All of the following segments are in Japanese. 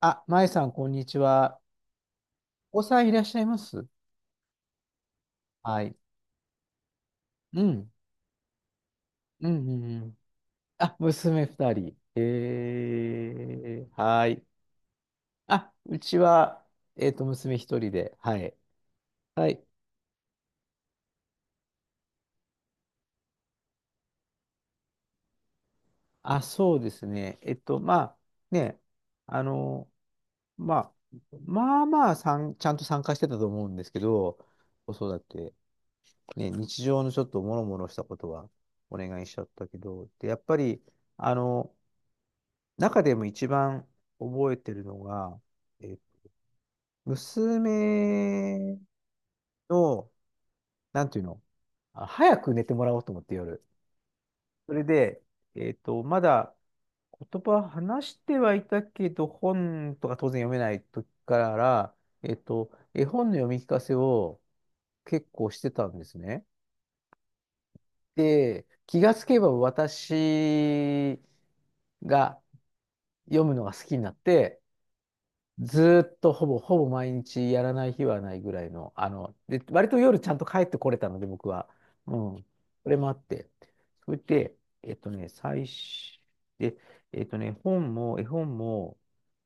あ、まえさん、こんにちは。お子さんいらっしゃいます？はい。うん。うん、うん、うん。あ、娘二人。はい。あ、うちは、娘一人で。はい。はい。あ、そうですね。まあ、ね、あの、まあ、まあまあさん、ちゃんと参加してたと思うんですけど、子育て、ね、日常のちょっともろもろしたことはお願いしちゃったけど、で、やっぱり、あの、中でも一番覚えてるのが、え、娘の、なんていうの、あ、早く寝てもらおうと思って夜。それで、まだ言葉話してはいたけど、本とか当然読めない時から、絵本の読み聞かせを結構してたんですね。で、気がつけば私が読むのが好きになって、ずーっとほぼほぼ毎日やらない日はないぐらいの、で、割と夜ちゃんと帰ってこれたので、僕は。うん。それもあって。それで、最初、で、本も、絵本も、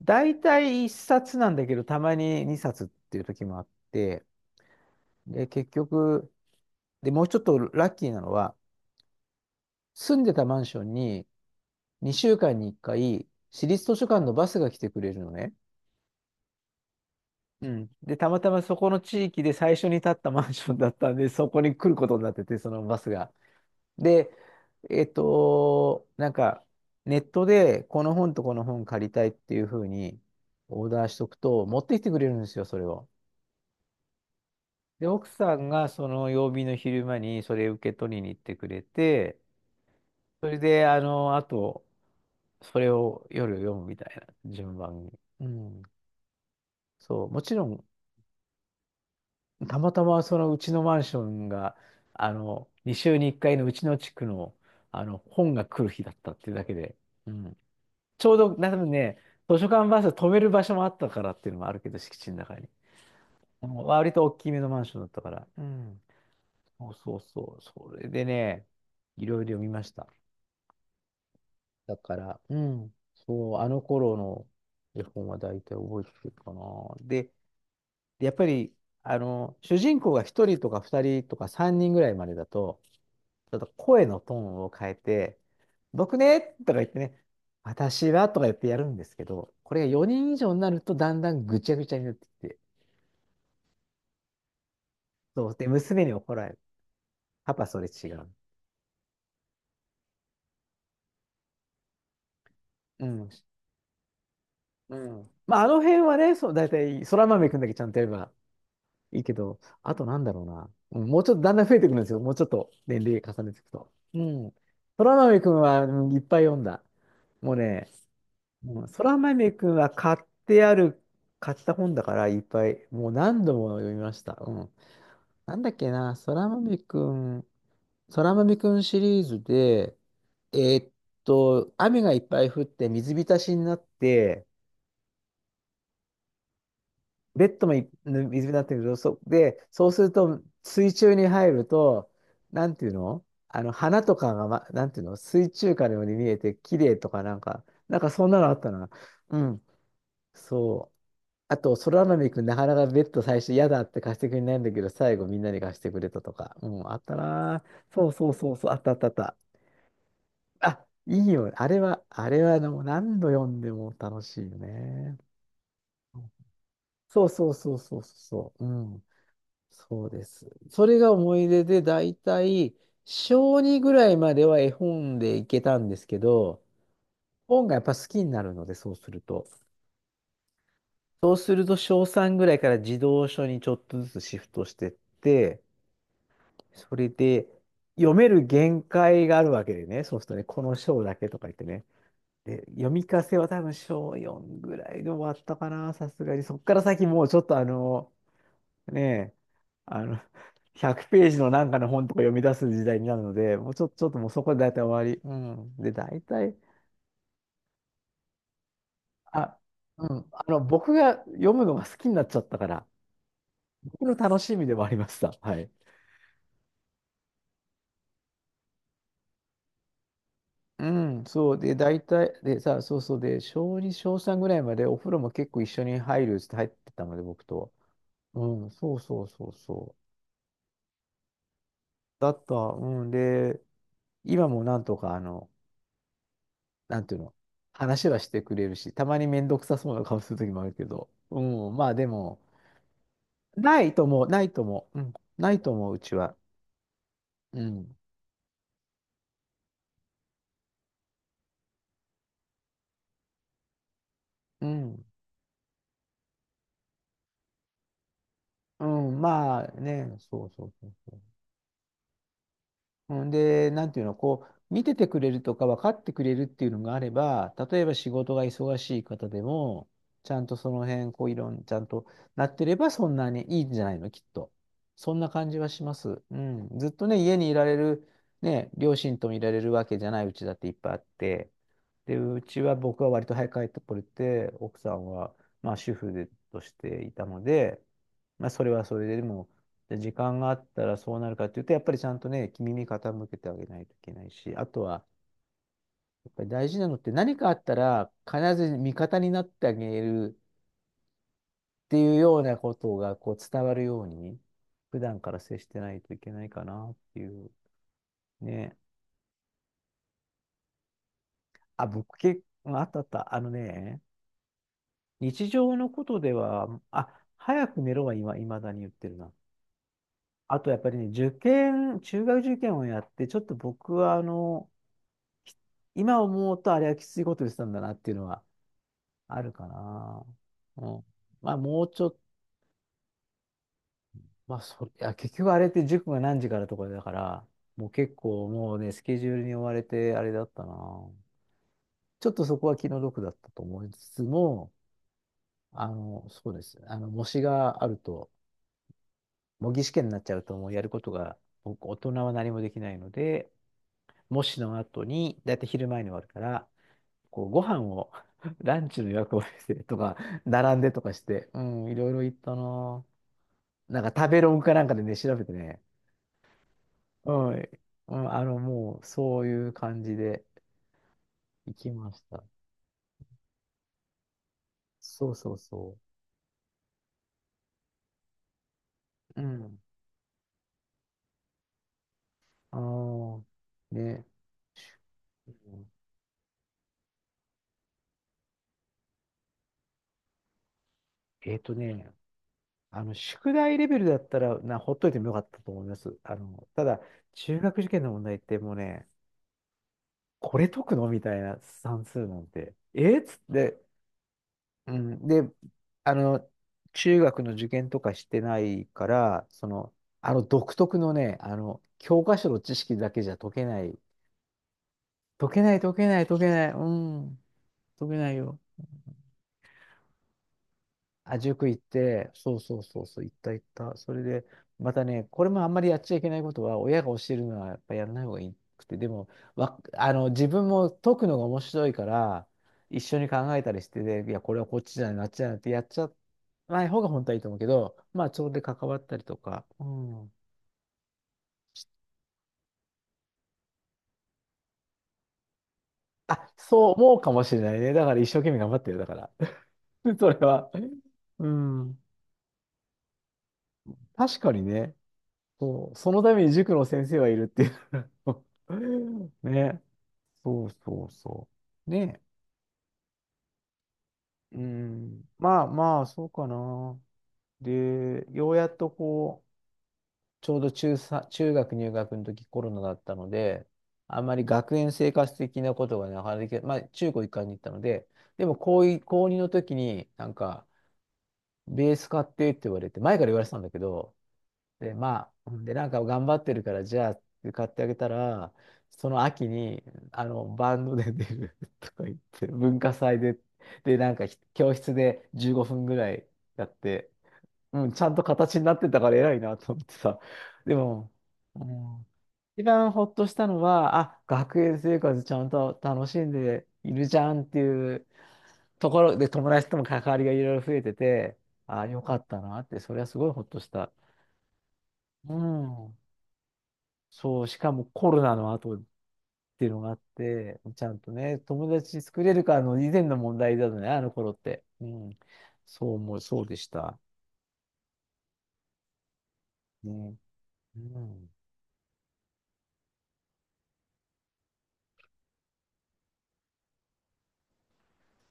大体一冊なんだけど、たまに二冊っていう時もあって、で、結局、で、もうちょっとラッキーなのは、住んでたマンションに2週間に1回、市立図書館のバスが来てくれるのね。うん。で、たまたまそこの地域で最初に建ったマンションだったんで、そこに来ることになってて、そのバスが。で、なんか、ネットでこの本とこの本借りたいっていうふうにオーダーしとくと、持ってきてくれるんですよ、それを。で、奥さんがその曜日の昼間にそれ受け取りに行ってくれて、それで、あと、それを夜読むみたいな順番に。うん。そう、もちろんたまたまそのうちのマンションが、2週に1回のうちの地区の、本が来る日だったっていうだけで、うん。ちょうど、多分ね、図書館バス止める場所もあったからっていうのもあるけど、敷地の中に。割と大きめのマンションだったから。うん。そうそうそう。それでね、いろいろ読みました。だから、うん。そう、あの頃の絵本は大体覚えてるかな。で、で、やっぱり、主人公が1人とか2人とか3人ぐらいまでだと、ちょっと声のトーンを変えて、僕ねとか言ってね、私はとか言ってやるんですけど、これが4人以上になるとだんだんぐちゃぐちゃになってきて、そう、で、娘に怒られる。パパ、それ違う。うん。うん。まあ、あの辺はね、そう、だいたい、そら豆くんだけちゃんとやればいいけど、あとなんだろうな。うん、もうちょっとだんだん増えてくるんですよ。もうちょっと年齢重ねていくと。うん。そら豆くんは、いっぱい読んだ。もうね、うん、空豆くんは買ってある、買った本だからいっぱい、もう何度も読みました。うん。なんだっけな、空豆くん、空豆くんシリーズで、えーっ雨がいっぱい降って水浸しになって、ベッドもい水浸しになってるけど、で、そうすると水中に入ると、なんていうの花とかが、ま、なんていうの水中花のように見えて、綺麗とかなんか、なんかそんなのあったな。うん。そう。あと、空豆くん、なかなかベッド最初嫌だって貸してくれないんだけど、最後みんなに貸してくれたとか。うん、あったな。ーそうそうそうそう、あったあったあった。あ、いいよ。あれは何度読んでも楽しいよね。そうそうそうそうそう。うん。そうです。それが思い出で、だいたい小2ぐらいまでは絵本でいけたんですけど、本がやっぱ好きになるので、そうすると。そうすると小3ぐらいから児童書にちょっとずつシフトしてって、それで、読める限界があるわけでね、そうするとね、この章だけとか言ってね。で、読み聞かせは多分章4ぐらいで終わったかな、さすがに。そっから先もうちょっとねえ、あの、100ページのなんかの本とか読み出す時代になるので、もうちょっと、ちょっともうそこで大体終わり。うん。で、大体、あ、うん、僕が読むのが好きになっちゃったから、僕の楽しみでもありました。はい。うん、そうで、大体、でさ、そうそうで、小2、小3ぐらいまでお風呂も結構一緒に入るって入ってたので、僕と。うん、そうそうそうそう。だった、うん、で、今もなんとか、なんていうの、話はしてくれるし、たまにめんどくさそうな顔する時もあるけど、うん、まあでも、ないとも、ないとも、うん、ないとも、うちは。うん、うん、うん、まあね、そうそうそうそう。うん。で、なんていうの、こう、見ててくれるとか分かってくれるっていうのがあれば、例えば仕事が忙しい方でも、ちゃんとその辺、こう、いろん、ちゃんとなってれば、そんなにいいんじゃないの、きっと。そんな感じはします。うん。ずっとね、家にいられる、ね、両親ともいられるわけじゃないうちだっていっぱいあって、で、うちは僕は割と早く帰ってこれて、奥さんは、まあ、主婦でとしていたので、まあ、それはそれで、でも、で、時間があったらそうなるかっていうと、やっぱりちゃんとね、耳傾けてあげないといけないし、あとは、やっぱり大事なのって何かあったら必ず味方になってあげるっていうようなことがこう伝わるように、普段から接してないといけないかなっていう。ね。あ、僕結構、あったあった。日常のことでは、あ、早く寝ろは今、未だに言ってるな。あとやっぱりね、受験、中学受験をやって、ちょっと僕は今思うとあれはきついことしたんだなっていうのはあるかな。うん。まあもうちょっと、まあそれ、いや結局あれって塾が何時からとかだから、もう結構もうね、スケジュールに追われてあれだったな。ちょっとそこは気の毒だったと思いつつも、そうです。模試があると、模擬試験になっちゃうともうやることが、僕、大人は何もできないので、模試の後に、だいたい昼前に終わるから、こうご飯を ランチの予約をしてとか、並んでとかして、うん、いろいろ行ったな。なんか食べログかなんかでね、調べてね、うん、うん、もう、そういう感じで行きました。そうそうそう。うん。あのね、うんえっとね、宿題レベルだったら、ほっといてもよかったと思います。ただ、中学受験の問題ってもうね、これ解くのみたいな算数なんて、えっつって、うん、で、あの、中学の受験とかしてないから、その、あの独特のね、教科書の知識だけじゃ解けない。解けない、解けない、解けない。うん、解けないよ。あ、塾行って、そうそうそうそう、行った行った。それで、またね、これもあんまりやっちゃいけないことは、親が教えるのはやっぱやらない方がいくて、でも、わ、あの、自分も解くのが面白いから、一緒に考えたりして、で、いや、これはこっちじゃない、なっちゃないってやっちゃない方が本当はいいと思うけど、まあ、それで関わったりとか、うん。あ、そう思うかもしれないね。だから一生懸命頑張ってる、だから。それは。うん。確かにね。そう、そのために塾の先生はいるっていう ね。そうそうそう。ね。うん。まあまあ、そうかな。で、ようやっとこう、ちょうど中学入学の時コロナだったので、あんまり学園生活的なことがなかなかできない、まあ中高一貫に行ったので、でも高2の時になんか、ベース買ってって言われて、前から言われてたんだけど、で、まあ、で、なんか頑張ってるから、じゃあ、買ってあげたら、その秋に、バンドで出る とか言って、文化祭で、で、なんか教室で15分ぐらいやって、うん、ちゃんと形になってたから偉いなと思ってさ。でも、うん、一番ほっとしたのは、あ、学園生活ちゃんと楽しんでいるじゃんっていうところで、友達とも関わりがいろいろ増えてて、あ、よかったなって、それはすごいほっとした。うん。そう、しかもコロナの後っていうのがあって、ちゃんとね、友達作れるかの以前の問題だよね、あの頃って。うん。そう思う、そうでした。ね。うん。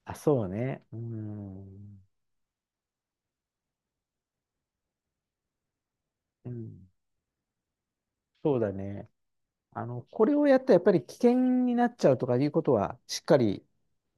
あ、そうね。うん。うん。そうだね。これをやったらやっぱり危険になっちゃうとかいうことは、しっかり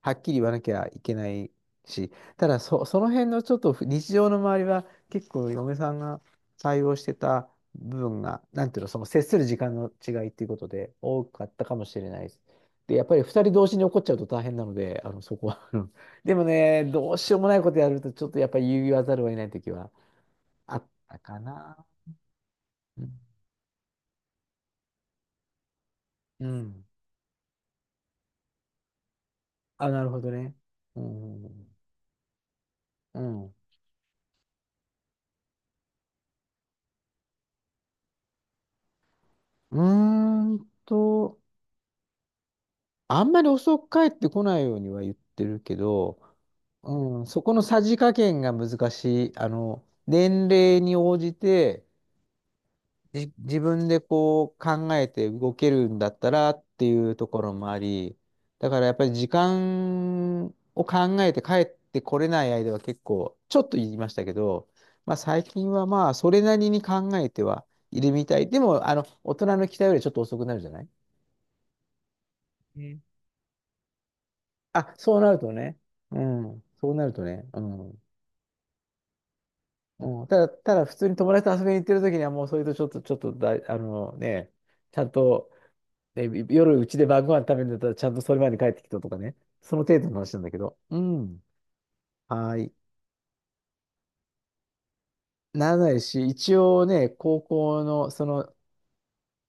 はっきり言わなきゃいけないし、ただその辺のちょっと日常の周りは、結構嫁さんが対応してた部分が、なんていうの、その接する時間の違いっていうことで、多かったかもしれないです。で、やっぱり二人同時に怒っちゃうと大変なので、そこはうん。でもね、どうしようもないことやると、ちょっとやっぱり言わざるを得ない時はあったかな。うん。うん。あ、なるほどね。うん。うんうーんと、あんまり遅く帰ってこないようには言ってるけど、うん、そこのさじ加減が難しい。年齢に応じて、自分でこう考えて動けるんだったらっていうところもあり、だからやっぱり時間を考えて帰ってこれない間は結構、ちょっと言いましたけど、まあ最近はまあそれなりに考えてはいるみたい。でも、大人の期待よりちょっと遅くなるじゃないね。あ、そうなるとね。うん。そうなるとね。うん。うん、ただ、ただ普通に友達と遊びに行ってる時にはもうそれとちょっと、ちょっとあのね、ちゃんと、ね、夜うちで晩ご飯食べるんだったらちゃんとそれまで帰ってきたとかね。その程度の話なんだけど。うん。はい。ならないし、一応ね、高校の、その、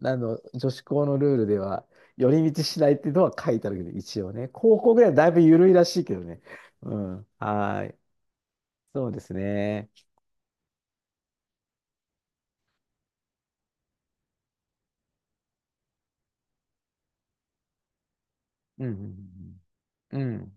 女子校のルールでは、寄り道しないっていうのは書いてあるけど、一応ね。高校ぐらいはだいぶ緩いらしいけどね。うん。はい。そうですね。うん。うんうんうん。うん